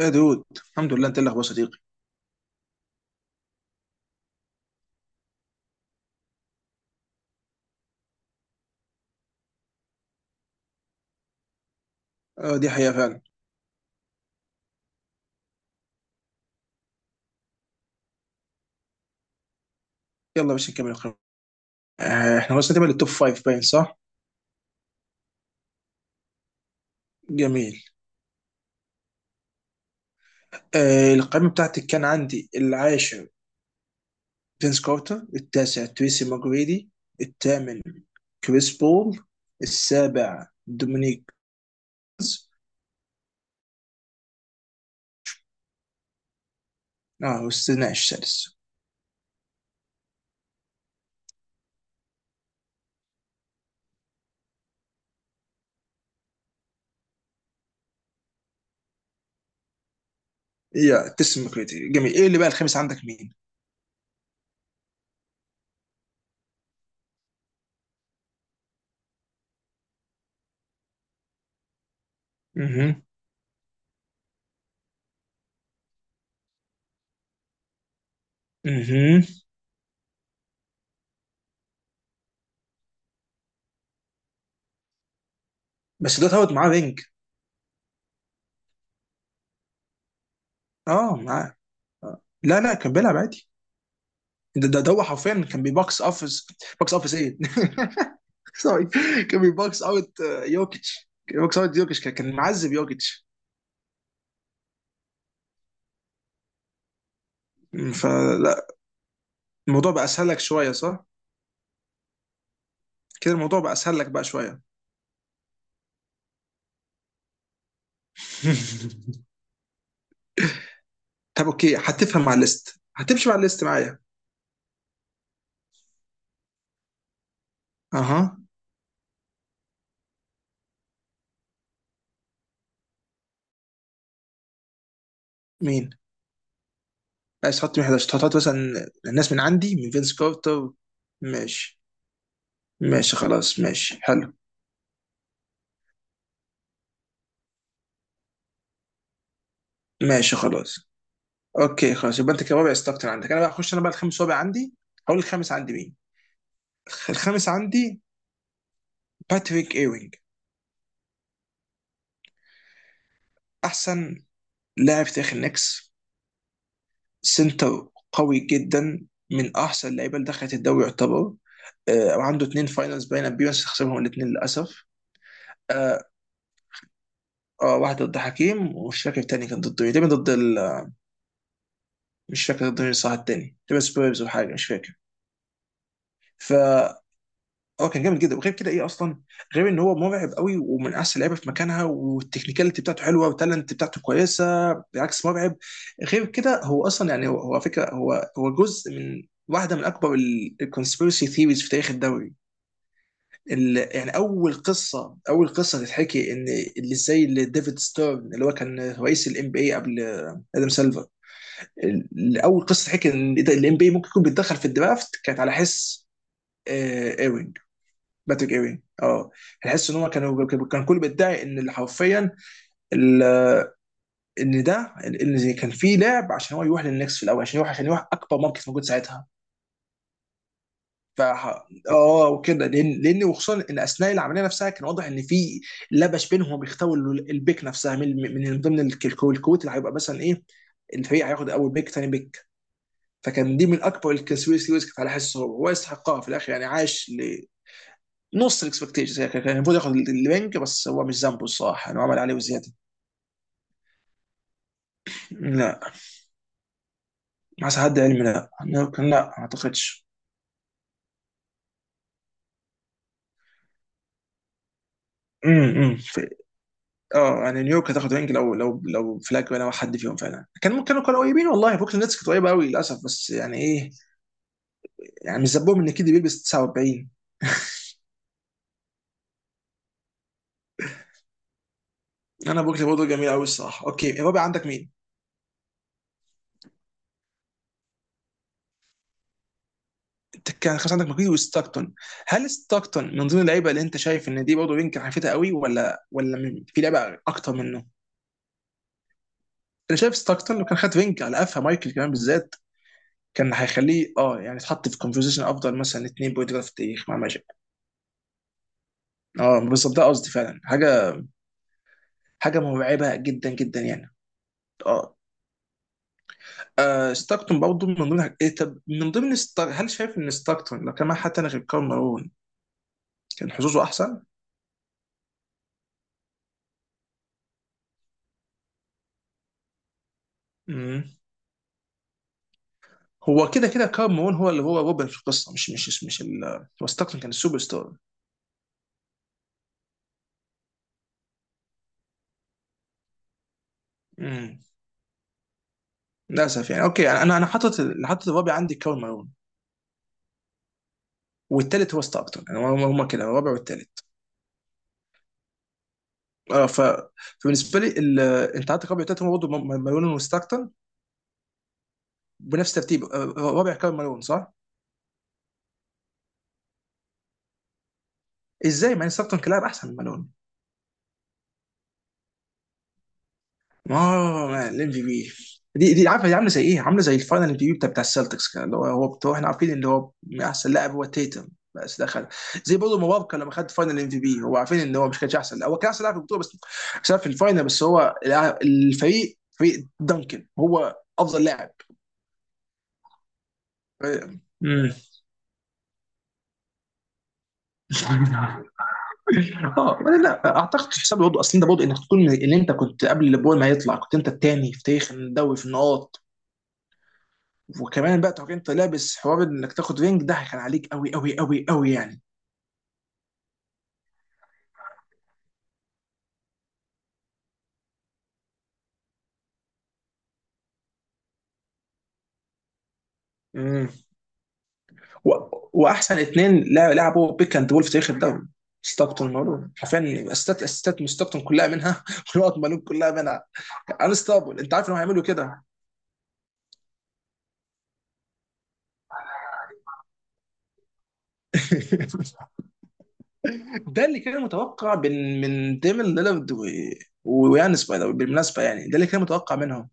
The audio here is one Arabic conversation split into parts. يا دود، الحمد لله. انت اللي اخبار صديقي؟ آه، دي حقيقة فعلا. يلا باش نكمل القائمة. آه، احنا وصلنا تقريبا للتوب فايف باين صح؟ جميل. آه، القائمة بتاعتي كان عندي العاشر فينس كارتر، التاسع تريسي ماجريدي، الثامن كريس بول، السابع دومينيك كوز. اه، واستثناء السادس. يا تريسي ماجريدي، جميل. ايه اللي بقى الخامس عندك مين؟ اها. اها. بس ده تعود معاه رينج. اه معاه. آه. لا لا، كان بيلعب عادي. ده هو حرفيا كان بيبوكس اوفيس. بوكس اوفيس ايه؟ سوري. كان بيبوكس اوت، يوكيتش. كان بيبوكس اوت يوكيتش، كان معذب يوكيتش. فلا. الموضوع بقى اسهل لك شويه صح؟ كده الموضوع بقى اسهل لك بقى شويه. طب اوكي، هتفهم مع الليست، هتمشي مع الليست معايا. اها. مين عايز تحط مين 11؟ تحط مثلا الناس من عندي من فينس كارتر. ماشي. ماشي خلاص، ماشي حلو. ماشي خلاص، اوكي خلاص، يبقى انت كرابع استكتر عندك، انا بقى هخش انا بقى الخامس رابع عندي. هقول الخامس عندي مين. الخامس عندي باتريك ايوينج، احسن لاعب في تاريخ النكس. سنتر قوي جدا، من احسن اللعيبه اللي دخلت الدوري يعتبر. آه، عنده اثنين فاينلز باين ابيرنس، خسرهم الاثنين للاسف. آه. واحده ضد حكيم، ومش فاكر الثاني كان ضد ايه، تقريباً ضد ال... مش فاكر ضد مين صح، الثاني تقريبا سبيرز ولا حاجه، مش فاكر. ف اه، كان جامد جدا. وغير كده ايه اصلا، غير ان هو مرعب قوي، ومن احسن اللعيبه في مكانها، والتكنيكاليتي بتاعته حلوه، والتالنت بتاعته كويسه بالعكس مرعب. غير كده هو اصلا يعني هو على فكره هو هو جزء من واحده من اكبر الكونسبيرسي ثيوريز في تاريخ الدوري. ال- يعني اول قصه، اول قصه تتحكي ان اللي زي اللي ديفيد ستيرن، اللي هو كان رئيس الام بي اي قبل ادم سيلفر. ال- اول قصه تحكي ان الام بي ممكن يكون بيتدخل في الدرافت، كانت على حس ايرين. باتريك ايرين، اه. تحس ان هم كانوا، كان كل بيدعي ان اللي حرفيا ال- ان ده، ان كان في لعب عشان هو يروح للنكس في الاول، عشان يروح، عشان يروح اكبر ماركت موجود ساعتها. ف اه، وكده. لان وخصوصا ان اثناء العمليه نفسها كان واضح ان في لبش بينهم، وبيختاروا ال- البيك نفسها من ضمن الك- الكو- الكوت، اللي هيبقى مثلا ايه الفريق هياخد اول بيك، ثاني بيك. فكان دي من اكبر الكونسبيرسي ريسك. على حسه هو، هو يستحقها في الاخر يعني. عاش نص الاكسبكتيشنز، يعني كان المفروض ياخد الوينج، بس هو مش ذنبه الصراحه، انه عمل عليه وزياده. لا، حسب حد علمي، لا لا، ما اعتقدش. امم. اه يعني، نيويورك هتاخد وينج لو لو فلاج ولا حد فيهم فعلا. كان ممكن، كانوا قريبين والله. بوكلين نتس كانت قريبه قوي للاسف، بس يعني ايه، يعني مش ذنبهم ان كيدي بيلبس 49. انا بوكلين برضه جميل قوي الصراحه. اوكي، الرابع عندك مين؟ انت كان خلاص عندك ماكريدي وستاكتون. هل ستاكتون من ضمن اللعيبه اللي انت شايف ان دي برضه وينج حيفتها قوي؟ ولا من- في لعيبه اكتر منه؟ انا شايف ستاكتون لو كان خد رينج على قفا مايكل كمان بالذات، كان هيخليه اه يعني يتحط في كونفرزيشن افضل مثلا اتنين بوينت جارد في التاريخ مع ماجيك. اه بالظبط ده قصدي فعلا. حاجه، حاجه مرعبه جدا جدا يعني. اه. ستاكتون برضه من ضمن حاج- إيه، طب من ضمن ستار... هل شايف ان ستاكتون لو كان معاه حد تاني غير كارل مارون، كان حظوظه احسن؟ مم. هو كده كده كارل مارون هو اللي هو روبن في القصه. مش ال... هو ستاكتون كان السوبر ستار. مم. للاسف يعني. اوكي، انا حاطط، اللي حاطط الرابع عندي كارل مارون، والثالث هو ستاركتون، يعني هم هم كده الرابع والثالث. اه. فبالنسبه لي ال... انت عندك رابع وثالث هم برضه م- مالون وستاركتون بنفس ترتيب. رابع كان مالون صح؟ ازاي مع ان ستاركتون كان لاعب احسن من مالون؟ اه الام في بي. دي، عارفه دي عامله زي ايه؟ عامله زي الفاينل ام في بي بتاع السلتكس، كان اللي هو هو بتوع، احنا عارفين اللي هو احسن لاعب هو تيتم، بس دخل زي برضه مبابكا لما خد فاينل ام في بي. هو عارفين ان هو مش كانش احسن، هو كان احسن لاعب في البطوله بس عشان في الفاينل بس، هو الع- الفريق، فريق دانكن، هو افضل لاعب. امم. اه، ولا لا اعتقد. تحسب برضه اصل انت برضه انك تكون من اللي انت كنت قبل اللي بول ما يطلع، كنت انت التاني في تاريخ الدوري في النقاط، وكمان بقى تبقى انت لابس حوار انك تاخد رينج. ده كان عليك قوي قوي قوي قوي يعني. امم. و... واحسن اثنين لعبوا بيك اند بول في تاريخ الدوري، ستاكتون مالون، حرفيا استات استات من ستاكتون كلها منها ونقط مالون كلها منها. انستابل. انت عارف انهم هيعملوا كده. ده اللي كان متوقع من ديمن ليلارد و- ويانس باي ذا واي، بالمناسبه يعني، ده اللي كان متوقع منهم.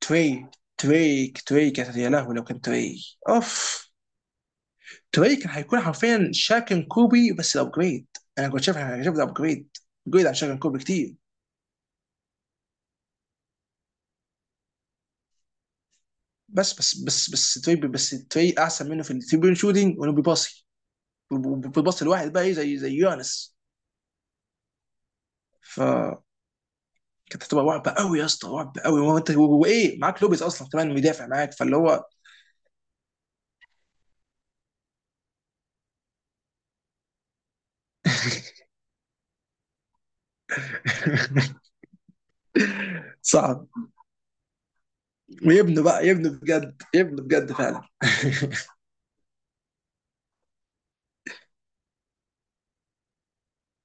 تري، تري تري كانت يا لهوي لو كان تري. اوف. تري كان هيكون حرفيا شاكن كوبي بس الابجريد. انا كنت شايف، انا شايف الابجريد، جريد عن شاكن كوبي كتير. بس تري، بس تري احسن منه في الثري بوينت شوتنج، وانه بيباصي بالباص الواحد بقى ايه زي يانس. ف كانت هتبقى رعب قوي يا اسطى، رعب قوي. وانت وايه، معاك لوبيز اصلا كمان، مدافع معاك، فاللي هو. صعب. ويبنوا بقى، يبنوا بجد، يبنوا بجد فعلا.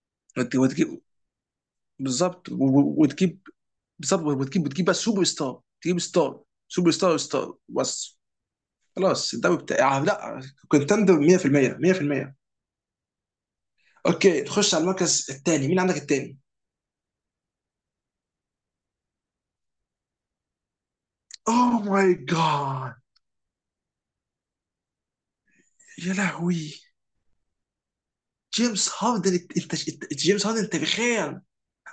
وتجيب. بالظبط، وتجيب. بالظبط، وتجيب، بس سوبر ستار. تجيب ستار، سوبر ستار، ستار بس. خلاص الدوري بتاع لا. كونتندر 100%، 100%. اوكي، تخش على المركز الثاني، مين عندك الثاني؟ اوه ماي جاد. يا لهوي. جيمس هاردن، جيمس هاردن انت بخير؟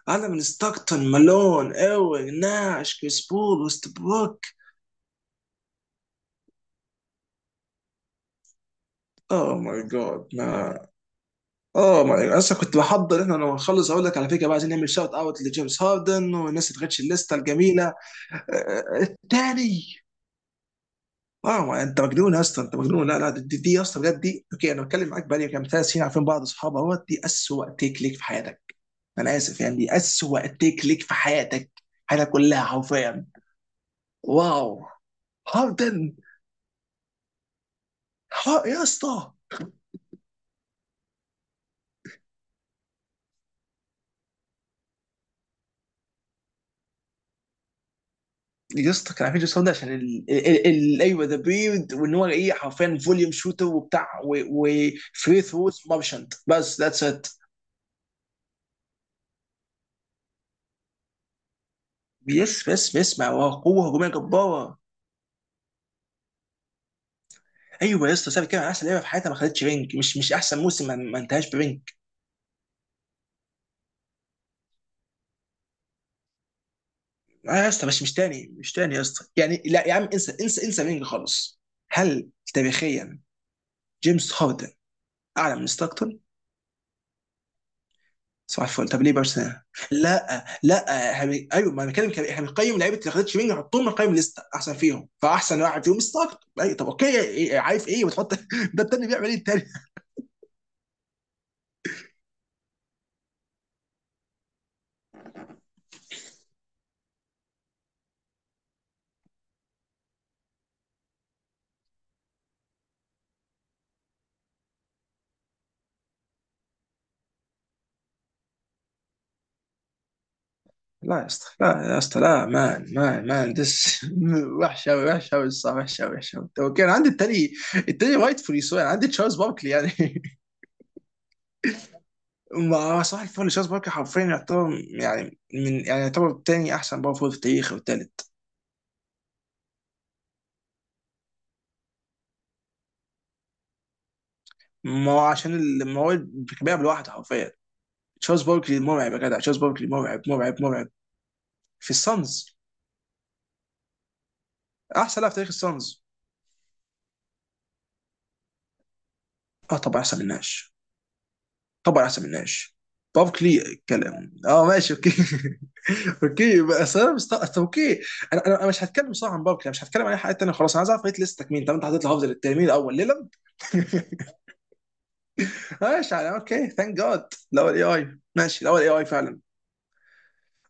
انا من ستاكتون، مالون، اوين، ناش، كريس بول، وست. اوه ماي جاد ما اوه ماي جاد، اصلا كنت بحضر احنا لما نخلص اقول لك على فكره بقى، عايزين نعمل شوت اوت لجيمس هاردن والناس اللي تغيرش الليسته الجميله. التاني. اه، ما انت مجنون يا اسطى، انت مجنون. لا لا، دي يا اسطى، بجد دي اوكي، انا بتكلم معاك بقالي كام ثلاث سنين، عارفين بعض، اصحاب، اهوت دي اسوأ تيك ليك في حياتك. انا اسف يعني، دي اسوأ تيك ليك في حياتك، حياتك كلها حرفيا. واو. هاردن. يا اسطى. يا اسطى، كان عارفين جيسون ده عشان ال... ال... ال... ايوه، ذا بريد، وان هو ايه حرفيا فوليوم شوتر وبتاع وفري ثروز مارشنت، بس ذاتس ات. بيس بس مع قوه هجوميه جباره. ايوه يا اسطى، سابق كده احسن لعيبه في حياتها ما خدتش رينج، مش احسن موسم، ما انتهاش برينج. آه يا اسطى، مش تاني، مش تاني يا اسطى يعني. لا يا عم، انسى، انسى انسى رينج خالص. هل تاريخيا جيمس هاردن اعلى من ستاكتون؟ صباح الفل، طب ليه بارسنال؟ لا لا، احنا بن- ايوه، ما انا بتكلم كده، احنا بنقيم لعيبه اللي خدتش مني نحطهم من قائمه الليسته، احسن فيهم، فاحسن واحد فيهم ستارت. اي طب اوكي، إيه، عارف ايه وتحط ده التاني بيعمل ايه التاني؟ لا يا اسطى لا. يا اسطى لا، مان مان مان دس وحش قوي، وحش قوي الصراحه، وحش قوي، وحش قوي. طب اوكي، انا عندي التاني. التاني وايت فولي سو، انا عندي تشارلز باركلي يعني. ما صح الفل، تشارلز باركلي حرفيا يعتبر، يعني من يعني، يعتبر تاني احسن باور فول في التاريخ والتالت. ما هو عشان ال-، ما هو بيلعب لوحده حرفيا. تشارلز باركلي مرعب يا جدع، تشارلز باركلي مرعب، مرعب، مرعب. في السانز. احسن لاعب في تاريخ السانز. اه طبعا احسن من ناش. طبعا احسن من ناش. باركلي كلام، اه ماشي اوكي. اوكي بس انا مست... أصل اوكي. انا مش هتكلم صراحه عن باركلي، أنا مش هتكلم عن اي حاجه ثانيه خلاص. انا عايز اعرف ريت ليستك مين. طب انت حطيت لحافظ التاني مين، الاول ليلم؟ ماشي على اوكي، ثانك جاد. الاول اي اي، ماشي، الاول اي اي فعلا.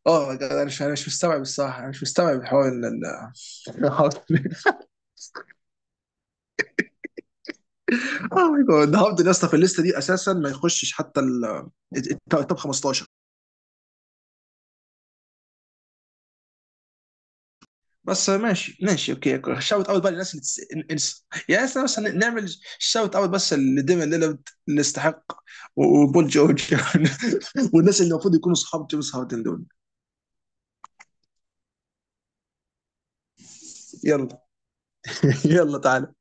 اه يا جدع، انا مش مستوعب الصراحه، انا مش مستوعب حوار ال- ال- اه ماي جاد. هاردن يا اسطى في الليسته دي اساسا ما يخشش حتى ال التوب 15. بس ماشي ماشي اوكي. شاوت اوت بقى للناس اللي تس... نس... يعني احنا بس نعمل شاوت اوت بس لديمن ليلارد اللي يستحق، وبول جورج. والناس اللي المفروض يكونوا صحاب جيمس هاردن دول. يلا. يلا تعال.